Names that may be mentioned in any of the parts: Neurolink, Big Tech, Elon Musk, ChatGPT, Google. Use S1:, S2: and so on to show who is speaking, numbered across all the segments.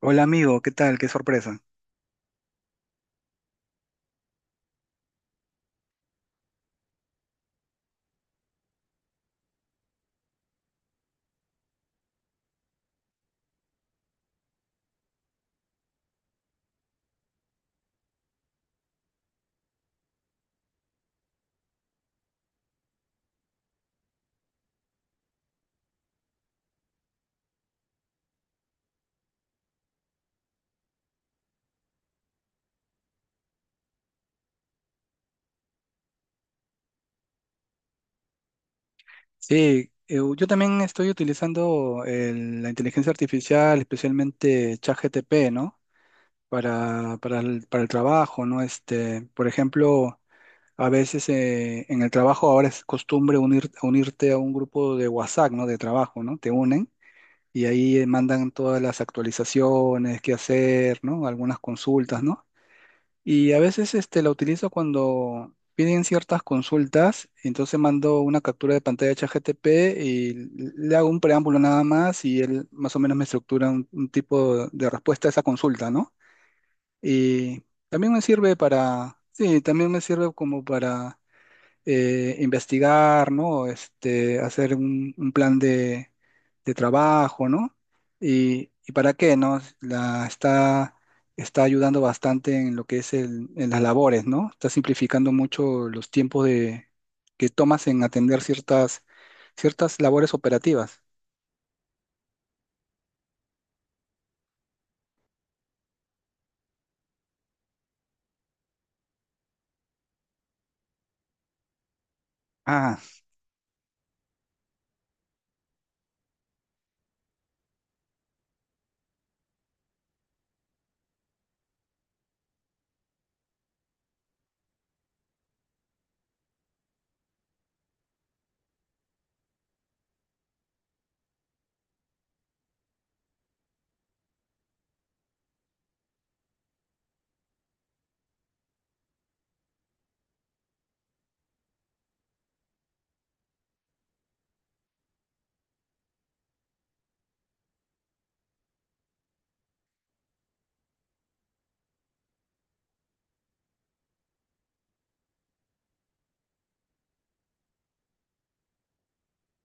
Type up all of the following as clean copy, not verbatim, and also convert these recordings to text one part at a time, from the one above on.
S1: Hola amigo, ¿qué tal? Qué sorpresa. Sí, yo también estoy utilizando la inteligencia artificial, especialmente ChatGPT, ¿no? Para el trabajo, ¿no? Este, por ejemplo, a veces en el trabajo ahora es costumbre unirte a un grupo de WhatsApp, ¿no? De trabajo, ¿no? Te unen y ahí mandan todas las actualizaciones, qué hacer, ¿no? Algunas consultas, ¿no? Y a veces este, la utilizo cuando piden ciertas consultas, entonces mando una captura de pantalla a ChatGPT y le hago un preámbulo nada más y él más o menos me estructura un tipo de respuesta a esa consulta, ¿no? Y también me sirve para, sí, también me sirve como para investigar, ¿no? Este, hacer un plan de trabajo, ¿no? Y para qué, ¿no? Está ayudando bastante en lo que es en las labores, ¿no? Está simplificando mucho los tiempos de, que tomas en atender ciertas labores operativas. Ah,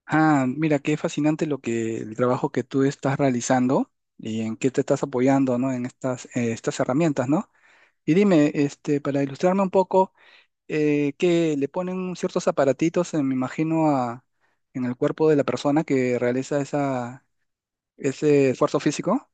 S1: ah, mira, qué fascinante lo que el trabajo que tú estás realizando y en qué te estás apoyando, ¿no? En estas, estas herramientas, ¿no? Y dime, este, para ilustrarme un poco, que le ponen ciertos aparatitos, me imagino, a, en el cuerpo de la persona que realiza ese esfuerzo físico.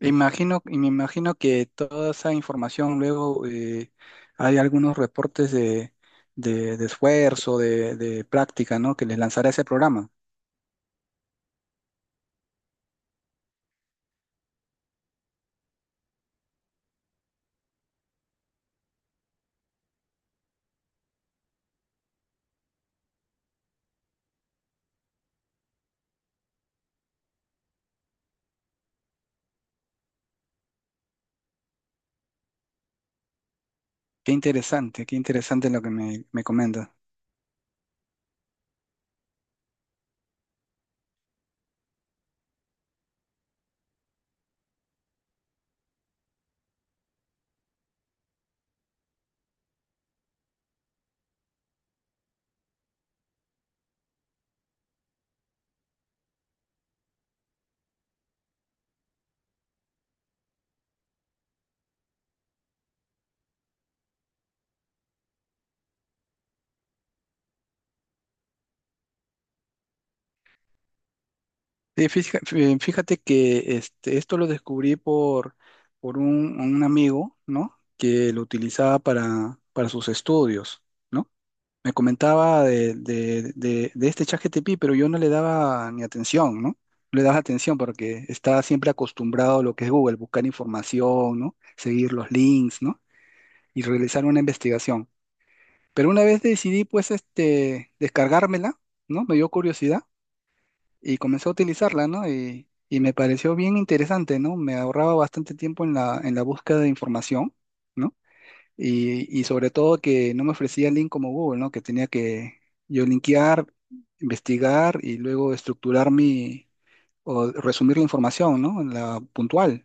S1: E imagino, y me imagino que toda esa información luego hay algunos reportes de, de esfuerzo, de práctica, ¿no? Que les lanzará ese programa. Qué interesante lo que me comentas. Sí, fíjate que este, esto lo descubrí por un amigo, ¿no? Que lo utilizaba para sus estudios, ¿no? Me comentaba de este ChatGPT, pero yo no le daba ni atención, ¿no? No le daba atención porque estaba siempre acostumbrado a lo que es Google, buscar información, ¿no? Seguir los links, ¿no? Y realizar una investigación. Pero una vez decidí, pues, este, descargármela, ¿no? Me dio curiosidad y comencé a utilizarla, ¿no? Y me pareció bien interesante, ¿no? Me ahorraba bastante tiempo en la búsqueda de información, ¿no? Y sobre todo que no me ofrecía el link como Google, ¿no? Que tenía que yo linkear, investigar y luego estructurar mi, o resumir la información, ¿no? La puntual.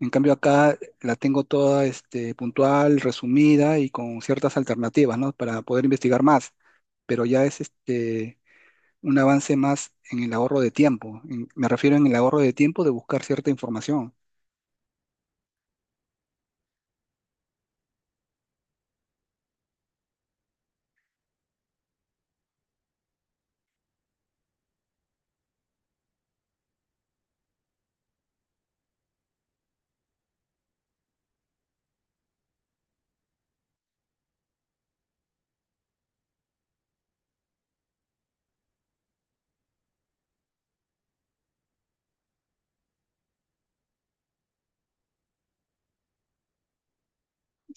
S1: En cambio acá la tengo toda este, puntual, resumida y con ciertas alternativas, ¿no? Para poder investigar más. Pero ya es este un avance más en el ahorro de tiempo. Me refiero en el ahorro de tiempo de buscar cierta información.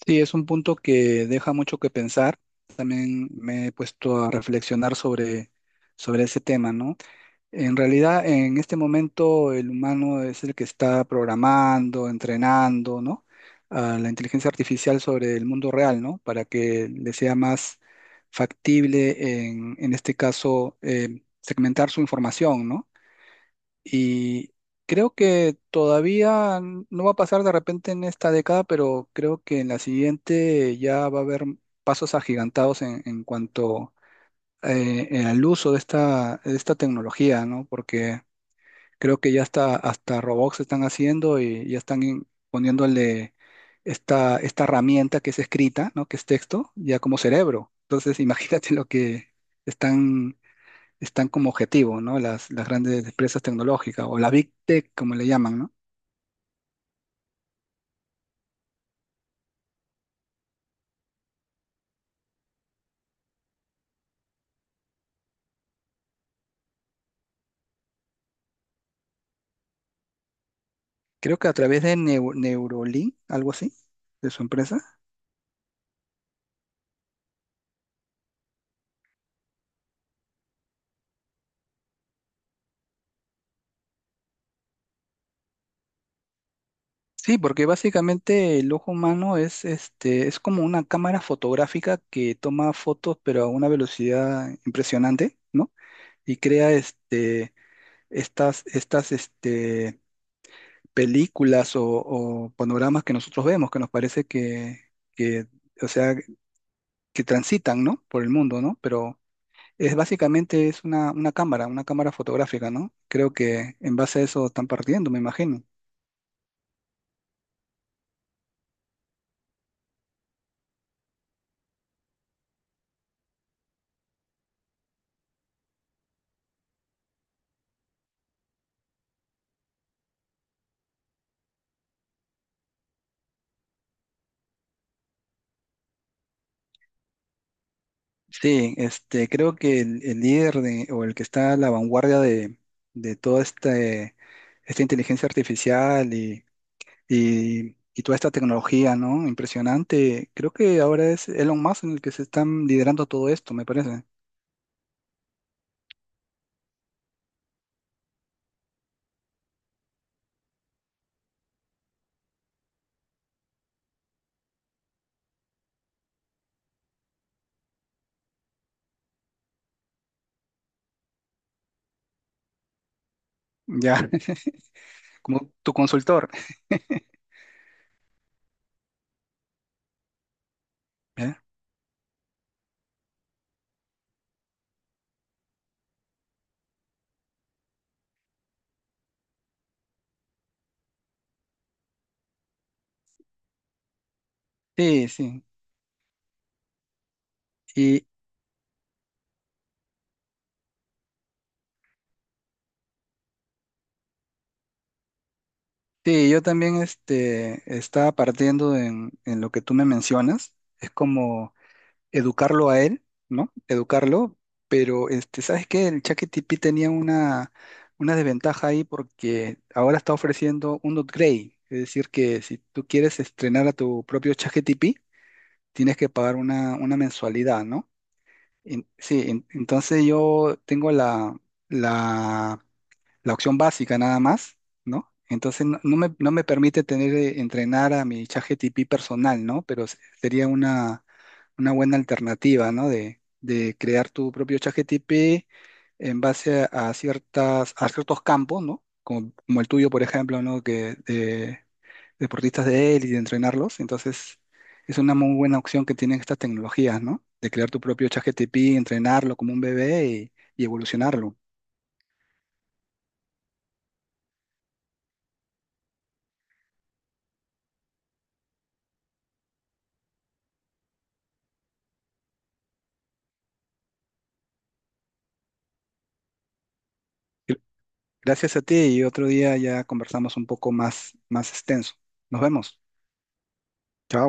S1: Sí, es un punto que deja mucho que pensar. También me he puesto a reflexionar sobre, sobre ese tema, ¿no? En realidad, en este momento, el humano es el que está programando, entrenando, ¿no? A la inteligencia artificial sobre el mundo real, ¿no? Para que le sea más factible, en este caso, segmentar su información, ¿no? Y creo que todavía no va a pasar de repente en esta década, pero creo que en la siguiente ya va a haber pasos agigantados en cuanto al uso de esta tecnología, ¿no? Porque creo que ya hasta, hasta robots están haciendo y ya están poniéndole esta, esta herramienta que es escrita, ¿no? Que es texto, ya como cerebro. Entonces, imagínate lo que están están como objetivo, ¿no? Las grandes empresas tecnológicas o la Big Tech, como le llaman, ¿no? Creo que a través de Neurolink, algo así, de su empresa. Sí, porque básicamente el ojo humano es, este, es como una cámara fotográfica que toma fotos, pero a una velocidad impresionante, ¿no? Y crea este, estas películas o panoramas que nosotros vemos, que nos parece que, o sea, que transitan, ¿no? Por el mundo, ¿no? Pero es básicamente es una cámara fotográfica, ¿no? Creo que en base a eso están partiendo, me imagino. Sí, este, creo que el líder o el que está a la vanguardia de toda este, esta inteligencia artificial y, y toda esta tecnología, ¿no? Impresionante. Creo que ahora es Elon Musk en el que se están liderando todo esto, me parece. Ya, como tu consultor. ¿Eh? Sí, sí. Y, sí, yo también este, estaba partiendo en lo que tú me mencionas. Es como educarlo a él, ¿no? Educarlo, pero este, ¿sabes qué? El ChatGPT tenía una desventaja ahí porque ahora está ofreciendo un upgrade. Es decir, que si tú quieres estrenar a tu propio ChatGPT, tienes que pagar una mensualidad, ¿no? Sí, entonces yo tengo la, la la opción básica nada más, ¿no? Entonces no, no me permite tener, entrenar a mi ChatGPT personal, ¿no? Pero sería una buena alternativa, ¿no? De crear tu propio ChatGPT en base a ciertas, a ciertos campos, ¿no? Como, como el tuyo, por ejemplo, ¿no? Que de deportistas de élite, de entrenarlos. Entonces, es una muy buena opción que tienen estas tecnologías, ¿no? De crear tu propio ChatGPT, entrenarlo como un bebé y evolucionarlo. Gracias a ti y otro día ya conversamos un poco más, más extenso. Nos vemos. Chao.